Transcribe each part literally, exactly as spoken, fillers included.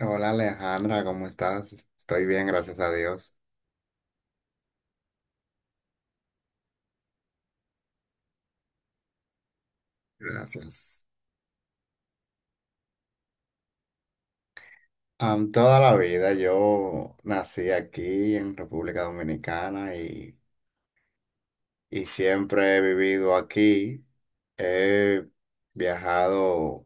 Hola Alejandra, ¿cómo estás? Estoy bien, gracias a Dios. Gracias. Am, toda la vida yo nací aquí en República Dominicana y, y siempre he vivido aquí. He viajado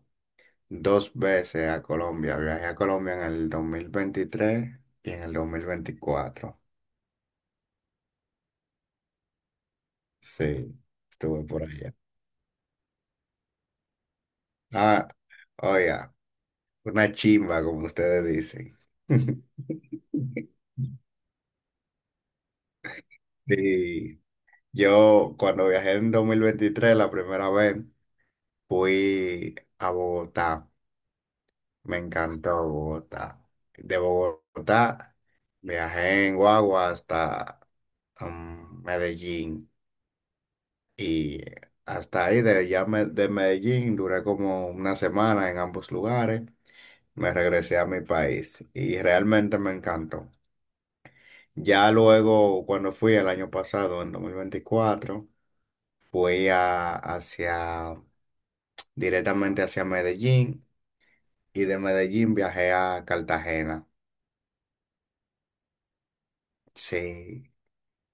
dos veces a Colombia. Viajé a Colombia en el dos mil veintitrés y en el dos mil veinticuatro. Sí, estuve por allá. Ah, oiga, una chimba, como ustedes dicen. Sí, yo cuando viajé en dos mil veintitrés la primera vez fui a Bogotá. Me encantó Bogotá. De Bogotá viajé en guagua hasta um, Medellín y hasta ahí de, ya me- de Medellín duré como una semana en ambos lugares. Me regresé a mi país y realmente me encantó. Ya luego cuando fui el año pasado, en dos mil veinticuatro fui a, hacia... directamente hacia Medellín, y de Medellín viajé a Cartagena. Sí,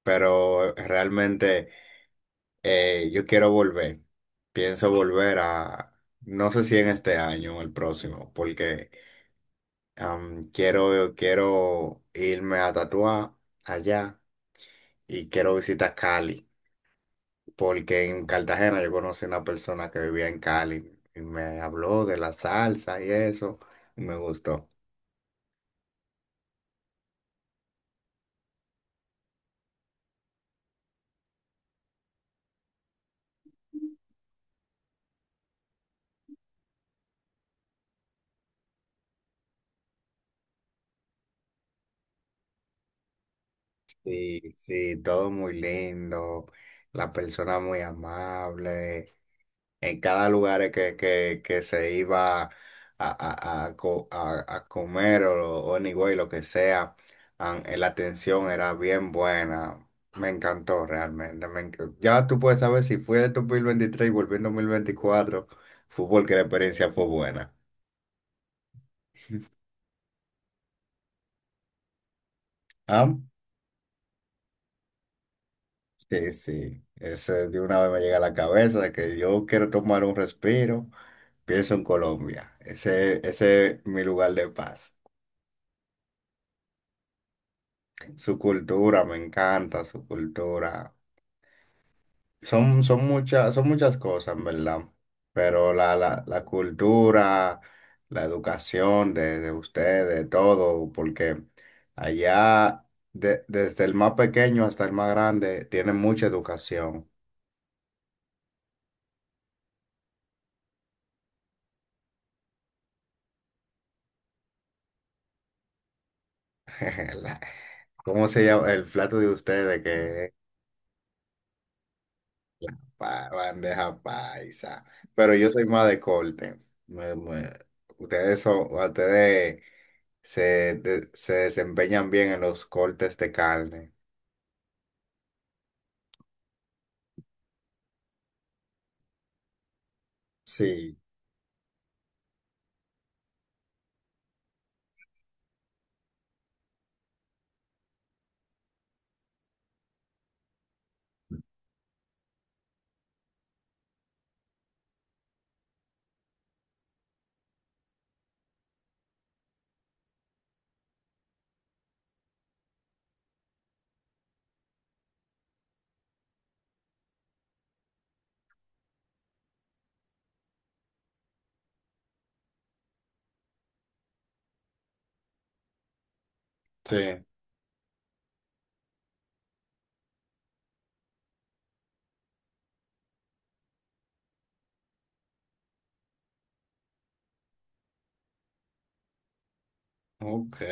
pero realmente eh, yo quiero volver. Pienso volver a, no sé si en este año o el próximo, porque am, quiero, quiero irme a tatuar allá y quiero visitar Cali, porque en Cartagena yo conocí una persona que vivía en Cali y me habló de la salsa y eso, y me gustó. Sí, sí, todo muy lindo, la persona muy amable, en cada lugar que, que, que se iba a, a, a, co- a- a comer o, o anyway, lo que sea, an- eh, la atención era bien buena, me encantó realmente, me enc- ya tú puedes saber si fui en dos mil veintitrés y volví en dos mil veinticuatro, fútbol que la experiencia fue buena. ¿Ah? Sí, sí, ese de una vez me llega a la cabeza de que yo quiero tomar un respiro. Pienso en Colombia, ese, ese es mi lugar de paz. Su cultura, me encanta su cultura. Son, son muchas, son muchas cosas, en verdad. Pero la, la, la cultura, la educación de, de ustedes, todo, porque allá, de- desde el más pequeño hasta el más grande, tienen mucha educación. La- ¿Cómo se llama el plato de ustedes? Pa- bandeja paisa. Pero yo soy más de corte. Me- me- Ustedes son, ustedes se, de- se desempeñan bien en los cortes de carne. Sí, sí. Ok.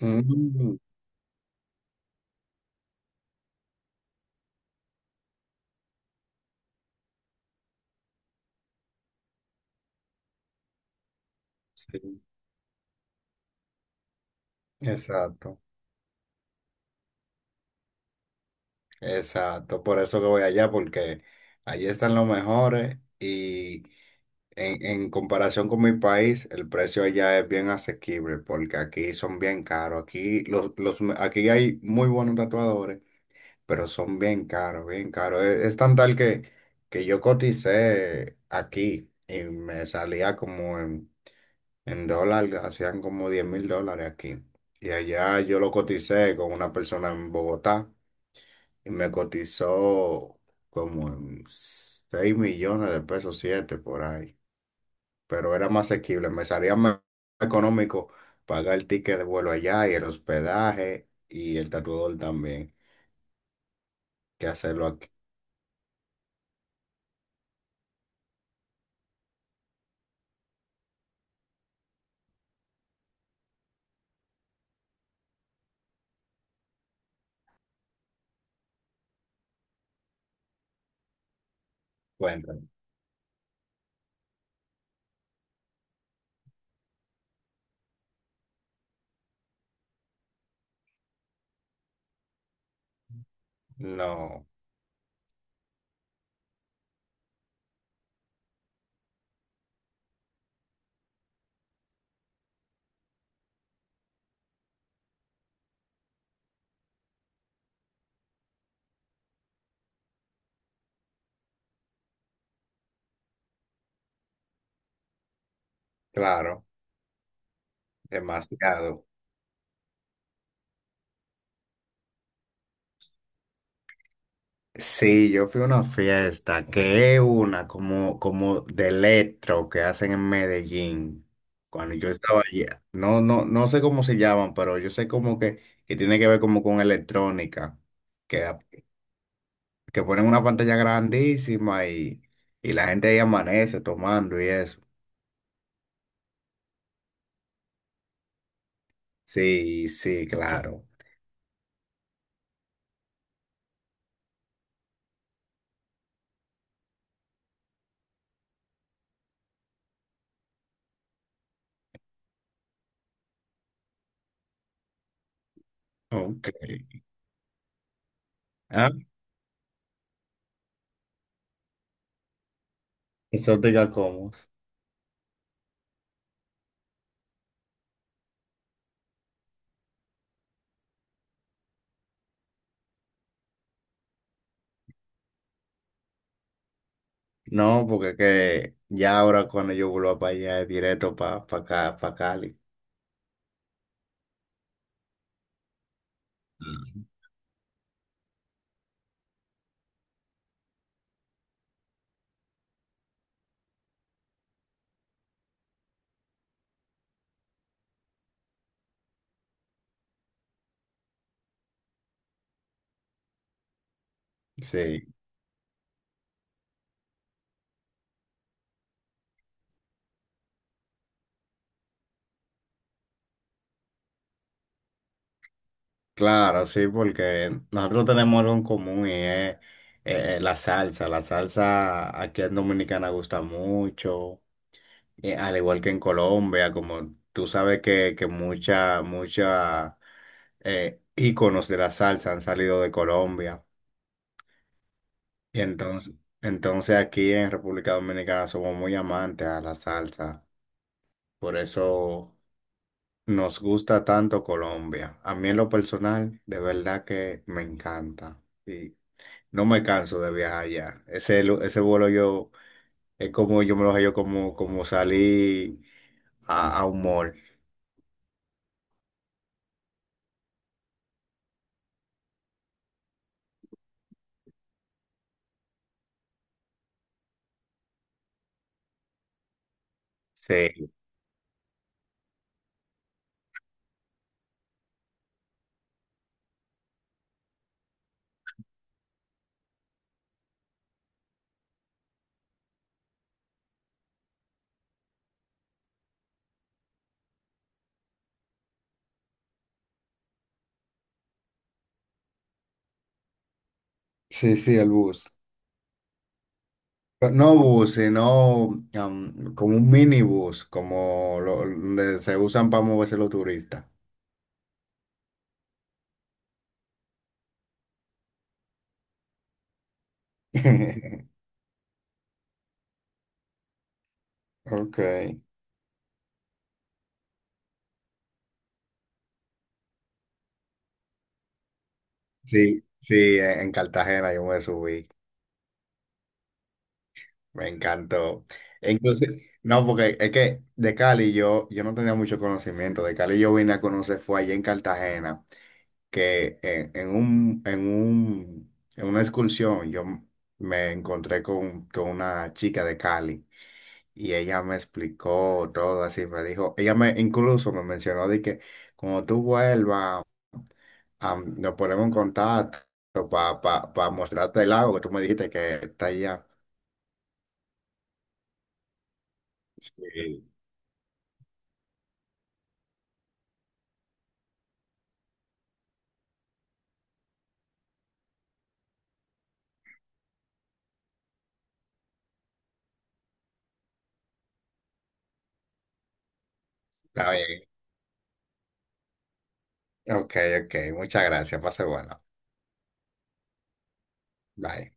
Mm, sí, exacto. Exacto, por eso que voy allá, porque allí están los mejores y en, en comparación con mi país, el precio allá es bien asequible, porque aquí son bien caros. Aquí, los, los, aquí hay muy buenos tatuadores, pero son bien caros, bien caros. Es, es tan tal que, que yo coticé aquí y me salía como en, en dólar, hacían como diez mil dólares aquí. Y allá yo lo coticé con una persona en Bogotá y me cotizó como en seis millones de pesos, siete por ahí. Pero era más asequible, me salía más económico pagar el ticket de vuelo allá y el hospedaje y el tatuador también que hacerlo aquí. Bueno, no, claro, demasiado. Sí, yo fui a una fiesta que es una como, como de electro que hacen en Medellín. Cuando yo estaba allá, no, no, no sé cómo se llaman, pero yo sé como que, que tiene que ver como con electrónica, que, a- que ponen una pantalla grandísima y, y la gente ahí amanece tomando y eso. Sí, sí, claro. Ok. Ah, exótica como. No, porque que ya ahora cuando yo vuelva para allá es directo para acá, para Cali. Sí, claro, sí, porque nosotros tenemos algo en común y es eh, la salsa. La salsa aquí en Dominicana gusta mucho, eh, al igual que en Colombia, como tú sabes que, que mucha, mucha eh, íconos de la salsa han salido de Colombia. Y entonces, entonces aquí en República Dominicana somos muy amantes a la salsa. Por eso. Nos gusta tanto Colombia. A mí en lo personal, de verdad que me encanta. Y no me canso de viajar allá. Ese, lu- ese vuelo yo, es como yo me lo hallo como, como salí a, a un mall. Sí, sí, sí, el bus. Pero no bus, sino am, como un minibús, como lo, donde se usan para moverse los turistas. Ok. Sí, sí, en en Cartagena yo me subí. Me encantó. E inclusive, no, porque es que de Cali yo, yo no tenía mucho conocimiento. De Cali yo vine a conocer, fue allá en Cartagena, que en, en un, en un, en una excursión yo m- me encontré con, con una chica de Cali y ella me explicó todo así. Me dijo, ella me incluso me mencionó de que cuando tú vuelvas, am, nos ponemos en contacto para mostrarte el lago que tú me dijiste que está allá. Sí, está bien. Ok, ok. Muchas gracias. Pase bueno. Bye.